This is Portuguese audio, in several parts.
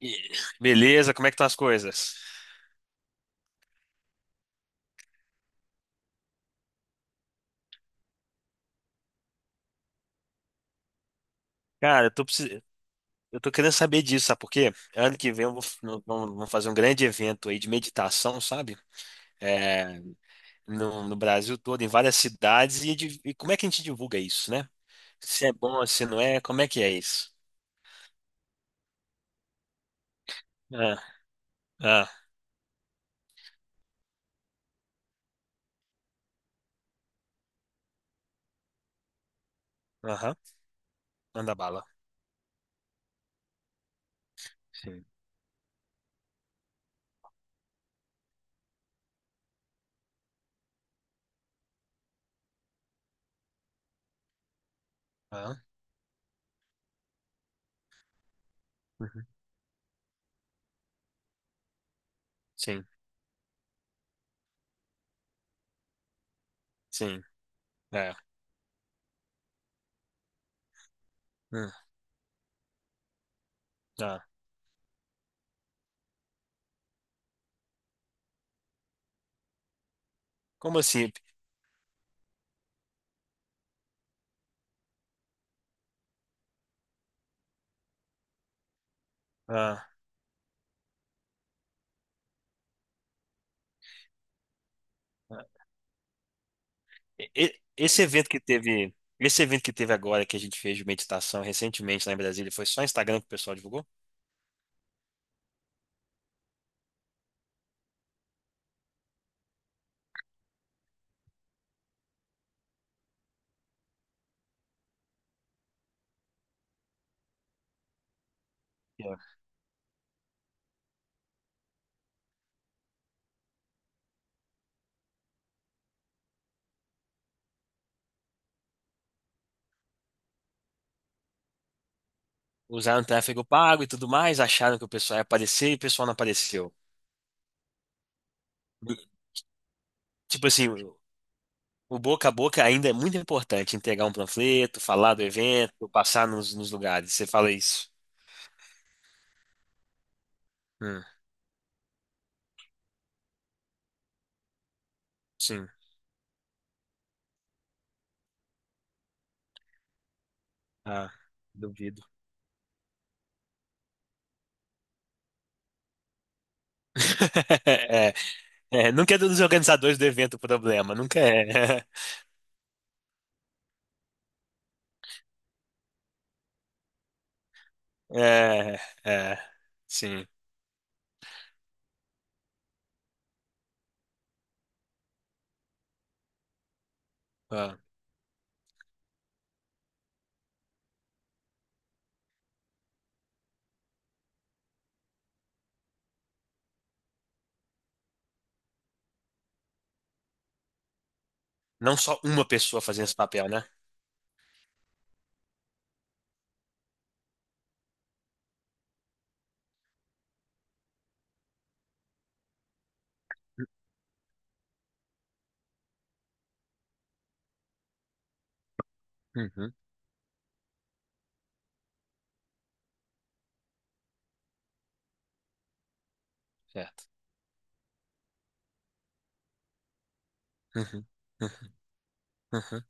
E- Beleza, como é que estão as coisas? Cara, eu tô querendo saber disso, sabe por quê? Ano que vem nós vamos fazer um grande evento aí de meditação, sabe? É, no Brasil todo, em várias cidades, e como é que a gente divulga isso, né? Se é bom, se não é, como é que é isso? Ah, ah, aham, manda bala. Sim. Ah, uhum, sim, sim, é. Hum, ah. Como assim? Ah. Ah, E- Esse evento que teve, esse evento que teve agora que a gente fez de meditação recentemente lá em Brasília, foi só Instagram que o pessoal divulgou? Yeah. Usaram tráfego pago e tudo mais, acharam que o pessoal ia aparecer e o pessoal não apareceu. Tipo assim, o boca a boca ainda é muito importante, entregar um panfleto, falar do evento, passar nos lugares. Você fala isso? Hum, sim. Ah, duvido. É, é, nunca é dos organizadores do evento o problema, nunca é. É, é, sim. Ah. Não só uma pessoa fazendo esse papel, né? Uhum, certo. Uhum, uhum, uhum.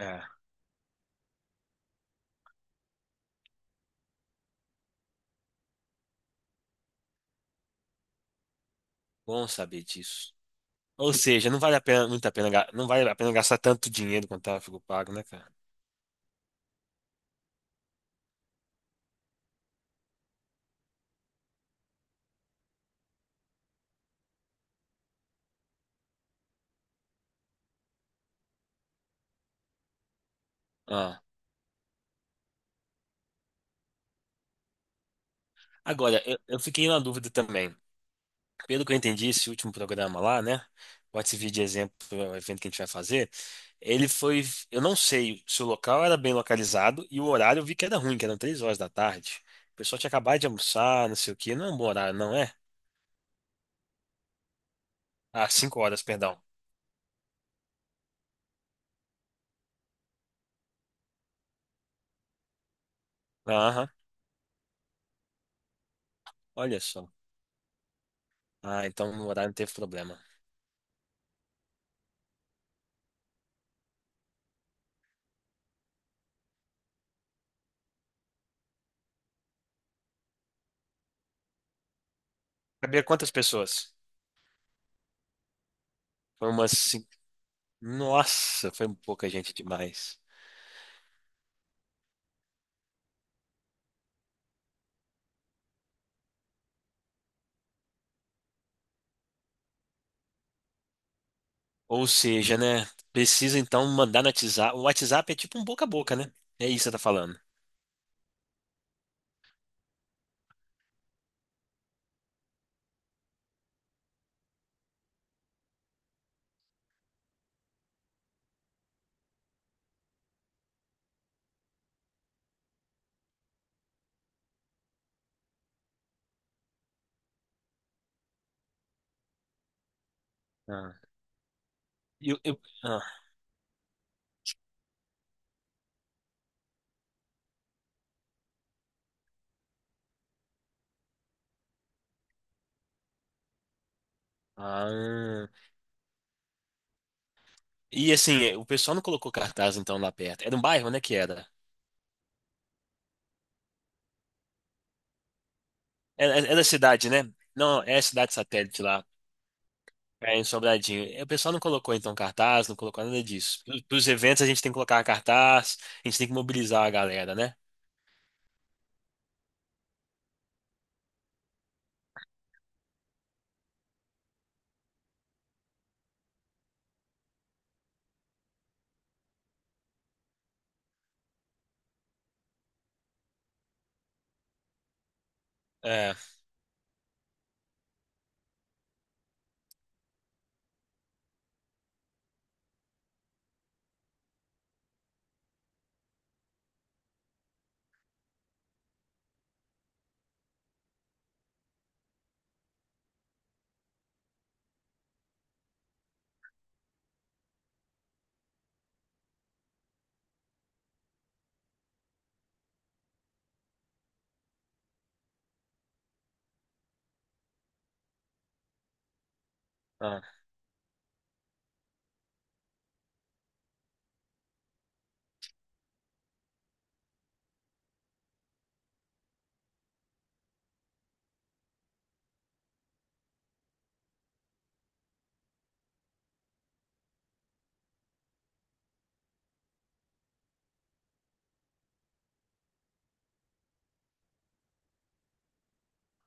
É, bom saber disso. Ou seja, não vale a pena, muito a pena, ga- não vale a pena gastar tanto dinheiro quanto tráfego pago, né, cara? Ah, agora, eu fiquei na dúvida também. Pelo que eu entendi, esse último programa lá, né? Pode servir de exemplo para o evento que a gente vai fazer. Ele foi, eu não sei se o local era bem localizado e o horário eu vi que era ruim, que eram 3 horas da tarde. O pessoal tinha acabado de almoçar, não sei o quê. Não é um bom horário, não é? Ah, 5 horas, perdão. Aham, olha só. Ah, então no horário não teve problema. Cabia quantas pessoas? Foi umas cinco. Nossa, foi pouca gente demais. Ou seja, né? Precisa então mandar no WhatsApp. O WhatsApp é tipo um boca a boca, né? É isso que você tá falando. Ah. Ah, ah. E assim, o pessoal não colocou cartaz então lá perto. Era um bairro, né, que era? Era cidade, né? Não, é cidade satélite lá. É, em Sobradinho. E o pessoal não colocou então cartaz, não colocou nada disso. Para os eventos a gente tem que colocar cartaz, a gente tem que mobilizar a galera, né? É. Ah,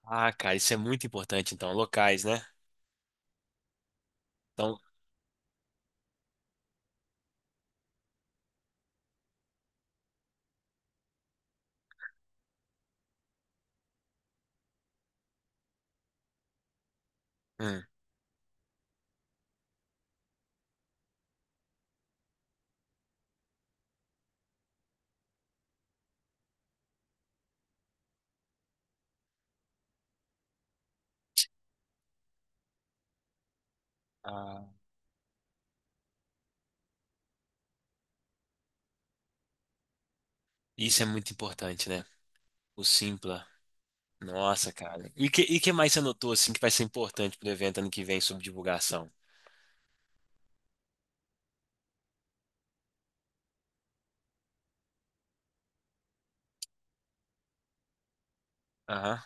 ah, cara, isso é muito importante então, locais, né? Então, hum, ah, isso é muito importante, né? O Simpla. Nossa, cara. E que mais você notou assim que vai ser importante pro evento ano que vem sobre divulgação? Aham.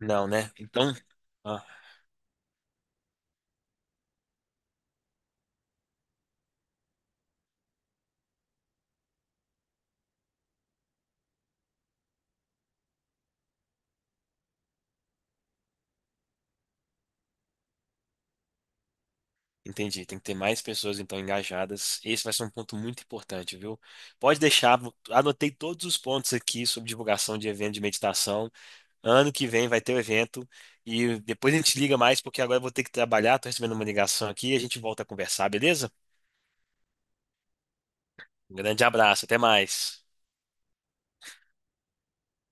Não, né? Então. Entendi, tem que ter mais pessoas então engajadas. Esse vai ser um ponto muito importante, viu? Pode deixar, anotei todos os pontos aqui sobre divulgação de evento de meditação. Ano que vem vai ter o evento e depois a gente liga mais porque agora eu vou ter que trabalhar, tô recebendo uma ligação aqui e a gente volta a conversar, beleza? Um grande abraço, até mais.